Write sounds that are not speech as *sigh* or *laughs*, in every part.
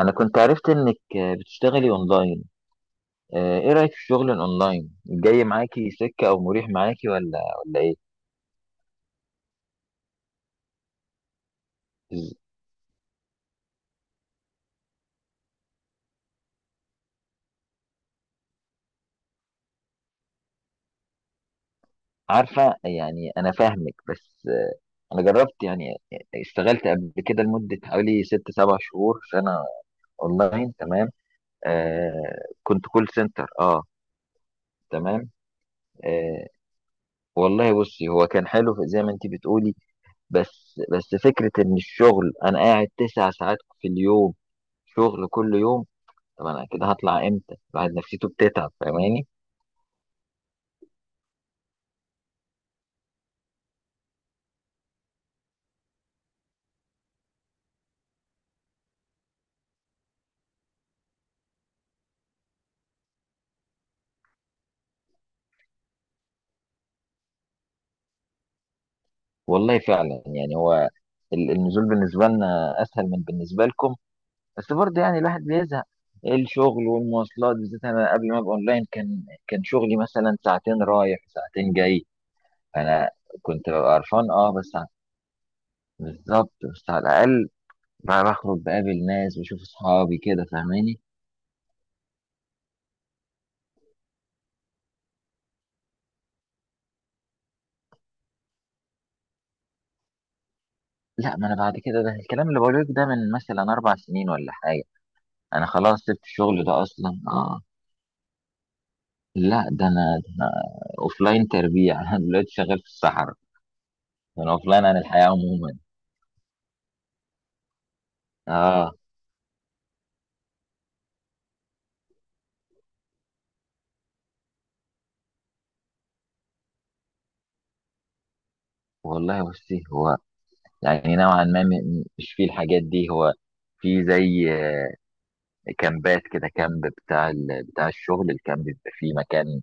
انا كنت عرفت انك بتشتغلي اونلاين. ايه رايك في الشغل الاونلاين؟ جاي معاكي سكه او مريح معاكي ولا ايه؟ بز- عارفه، يعني انا فاهمك، بس انا جربت، يعني اشتغلت قبل كده لمده حوالي ست سبع شهور سنه اونلاين، تمام. آه، كنت كول سنتر، اه، تمام. آه، والله بصي، هو كان حلو زي ما انت بتقولي، بس فكره ان الشغل انا قاعد تسع ساعات في اليوم، شغل كل يوم. طب انا كده هطلع امتى؟ الواحد نفسيته بتتعب، فاهماني؟ والله فعلا، يعني هو النزول بالنسبه لنا اسهل من بالنسبه لكم، بس برضه يعني الواحد بيزهق الشغل والمواصلات، بالذات انا قبل ما ابقى اونلاين كان شغلي مثلا ساعتين رايح ساعتين جاي. انا كنت ببقى قرفان، اه، بالظبط، بس على الاقل بقى بخرج، بقابل ناس، بشوف اصحابي كده، فاهماني؟ لا، ما انا بعد كده، ده الكلام اللي بقوله لك ده من مثلا اربع سنين ولا حاجه. انا خلاص سبت الشغل ده اصلا، اه. لا، ده انا اوف لاين تربيع *laughs* انا دلوقتي شغال في الصحراء، انا اوف لاين عن الحياه عموما. اه. والله بصي، هو يعني نوعا ما مش فيه الحاجات دي. هو في زي كامبات كده. كامب بتاع بتاع الشغل. الكامب بيبقى فيه مكان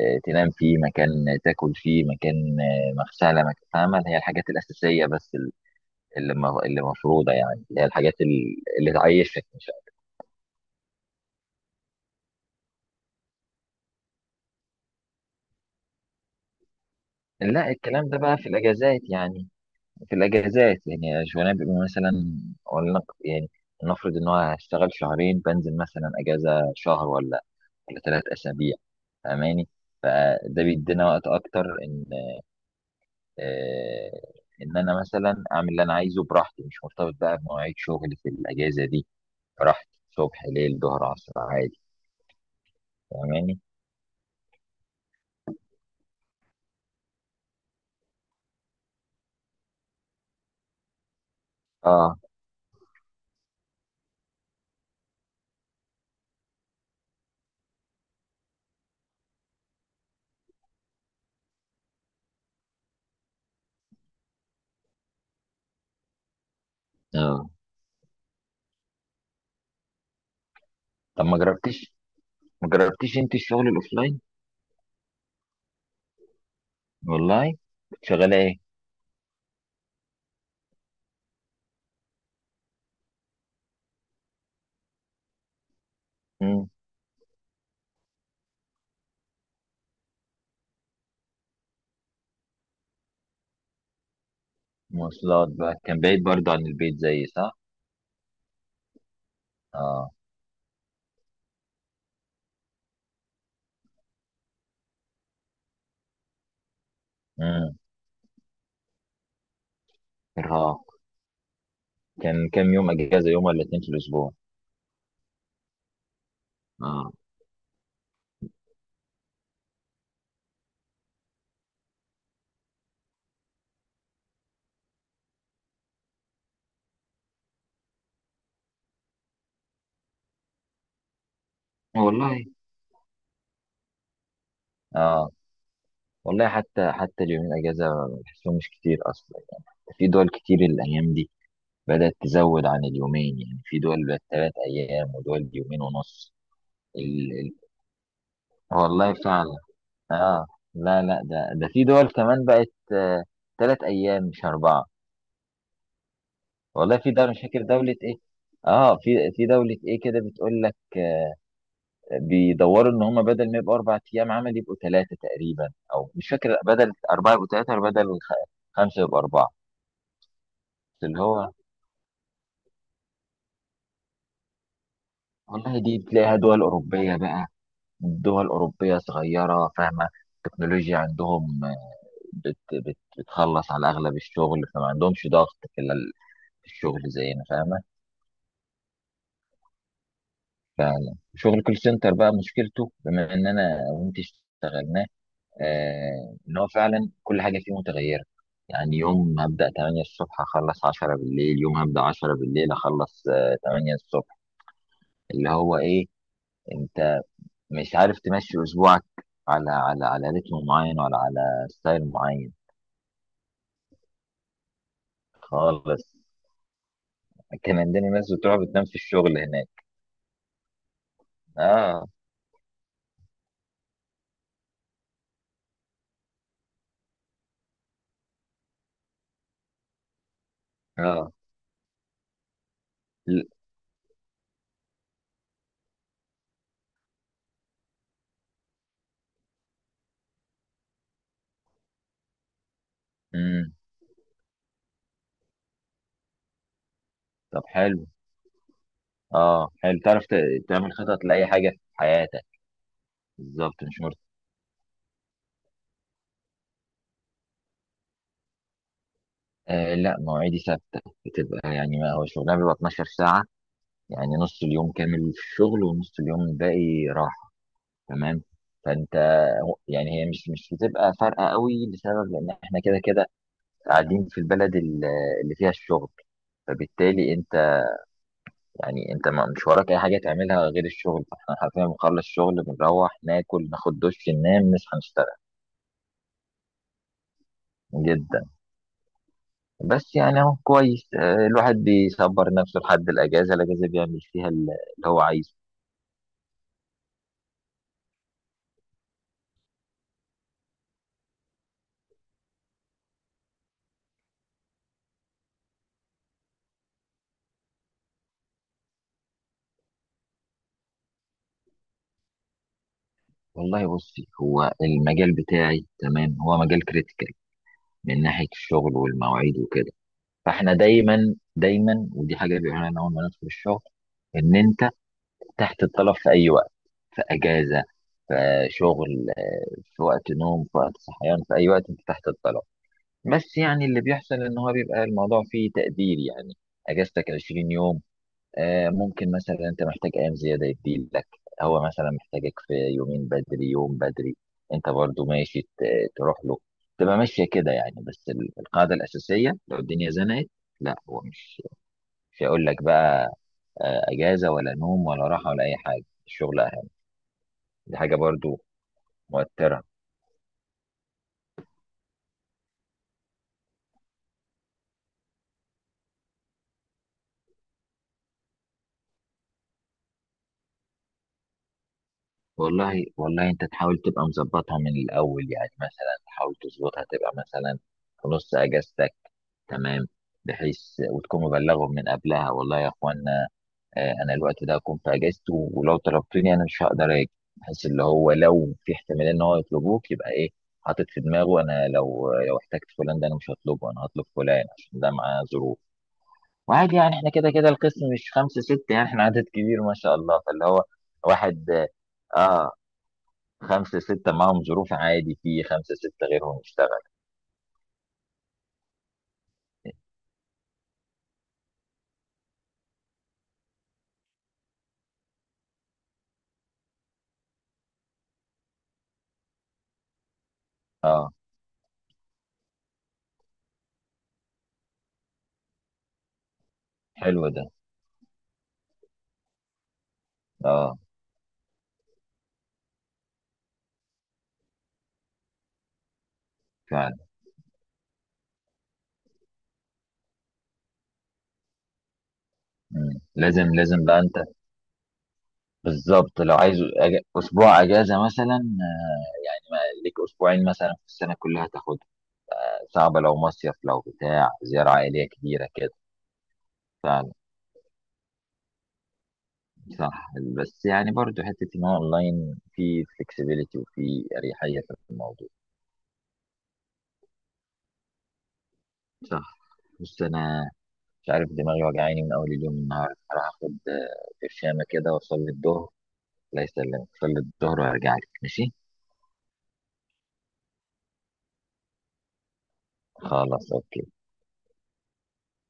تنام فيه، مكان تاكل فيه، مكان مغسله، مكان، فاهمه؟ اللي هي الحاجات الاساسيه، بس اللي مفروضه، يعني اللي هي الحاجات اللي تعيشك، مش لا، الكلام ده بقى في الاجازات. يعني في الاجازات، يعني شغلانه بيبقى مثلا، ولا يعني، نفرض ان هو هشتغل شهرين بنزل مثلا اجازه شهر، ولا ثلاث اسابيع، فاهماني؟ فده بيدينا وقت اكتر ان آه، ان انا مثلا اعمل اللي انا عايزه براحتي، مش مرتبط بقى بمواعيد شغل في الاجازه دي. براحتي، صبح، ليل، ظهر، عصر، عادي، فاهماني؟ اه. اه. طب ما جربتيش انت الشغل الاوفلاين؟ والله. كنت شغاله؟ ايه. مواصلات بقى، كان بعيد برضه عن البيت زي، صح؟ اه. امم. ارهاق. كان كام يوم اجازة؟ يوم ولا اتنين في الاسبوع؟ اه. والله. اه، والله حتى اليومين اجازة بحسهم مش كتير اصلا. في دول كتير الايام دي بدأت تزود عن اليومين، يعني في دول بقت تلات ايام ودول يومين ونص. ال... ال... والله فعلا، اه. لا ده في دول كمان بقت آه تلات ايام مش اربعة. والله في دولة، مش فاكر دولة ايه، اه، في دولة ايه كده بتقول لك بيدوروا ان هم بدل ما يبقوا اربع ايام عمل يبقوا ثلاثه تقريبا، او مش فاكر، بدل اربعه يبقوا ثلاثه، خمسه يبقوا اربعه. اللي هو، والله دي تلاقيها دول اوروبيه بقى. دول اوروبيه صغيره، فاهمه؟ التكنولوجيا عندهم بت بت بتخلص على اغلب الشغل، فما عندهمش ضغط في في الشغل زينا، فاهمه؟ فشغل كول سنتر بقى مشكلته، بما ان انا وانت اشتغلنا، ان هو فعلا كل حاجه فيه متغيره. يعني يوم هبدا 8 الصبح اخلص 10 بالليل، يوم هبدا 10 بالليل اخلص 8 الصبح. اللي هو ايه، انت مش عارف تمشي اسبوعك على على رتم معين ولا على ستايل معين خالص. كان عندنا ناس بتروح بتنام في الشغل هناك. اه. اه. ل- مم. طب حلو. اه، حلو تعرف تعمل خطط لاي حاجه في حياتك. بالظبط. مش آه لا مواعيدي ثابتة، بتبقى يعني، ما هو شغلها بيبقى 12 ساعة، يعني نص اليوم كامل في الشغل ونص اليوم الباقي راحة، تمام. فأنت، يعني هي مش بتبقى فارقة قوي لسبب، لأن احنا كده كده قاعدين في البلد اللي فيها الشغل، فبالتالي أنت يعني أنت مش وراك أي حاجة تعملها غير الشغل. فاحنا حرفيا بنخلص شغل بنروح ناكل، ناخد دش، ننام، نصحى، نشتغل. جدا. بس يعني أهو كويس، الواحد بيصبر نفسه لحد الأجازة، الأجازة بيعمل فيها اللي هو عايزه. والله بصي، هو المجال بتاعي، تمام، هو مجال كريتيكال من ناحية الشغل والمواعيد وكده. فاحنا دايما دايما، ودي حاجة بيقولها لنا أول ما ندخل الشغل، إن أنت تحت الطلب في أي وقت: في أجازة، في شغل، في وقت نوم، في وقت صحيان، في أي وقت أنت تحت الطلب. بس يعني اللي بيحصل إن هو بيبقى الموضوع فيه تقدير، يعني أجازتك 20 يوم، ممكن مثلا انت محتاج ايام زياده يديلك، هو مثلا محتاجك في يومين بدري، يوم بدري، انت برضو ماشي تروح له، تبقى ماشيه كده. يعني بس القاعده الاساسيه لو الدنيا زنقت، لا هو مش هيقول لك بقى اجازه ولا نوم ولا راحه ولا اي حاجه، الشغل اهم. دي حاجه برضو مؤثره. والله انت تحاول تبقى مظبطها من الاول، يعني مثلا تحاول تظبطها تبقى مثلا في نص اجازتك، تمام، بحيث، وتكون مبلغهم من قبلها، والله يا اخوانا، انا الوقت ده هكون في اجازتي ولو طلبتوني انا مش هقدر اجي، بحيث اللي هو لو في احتماليه ان هو يطلبوك، يبقى ايه، حاطط في دماغه انا لو احتجت فلان ده انا مش هطلبه، انا هطلب فلان عشان ده معاه ظروف. وعادي، يعني احنا كده كده القسم مش خمسه سته، يعني احنا عدد كبير ما شاء الله، فاللي هو واحد، اه، خمسة ستة معاهم ظروف عادي في خمسة ستة غيرهم يشتغل. اه، حلو ده. اه فعلا. مم. لازم، بقى انت بالظبط لو عايز أج... اسبوع اجازة مثلا، يعني ما ليك اسبوعين مثلا في السنة كلها تاخدها، صعبة لو مصيف، لو بتاع زيارة عائلية كبيرة كده. فعلا، صح. بس يعني برضو حتة ان هو اونلاين في فلكسبيليتي وفي اريحية في الموضوع. صح. بص، انا مش عارف دماغي وجعاني من اول اليوم النهارده، هروح اخد برشامة كده واصلي الظهر. الله يسلمك، صلي الظهر وارجع لك ماشي. خلاص اوكي.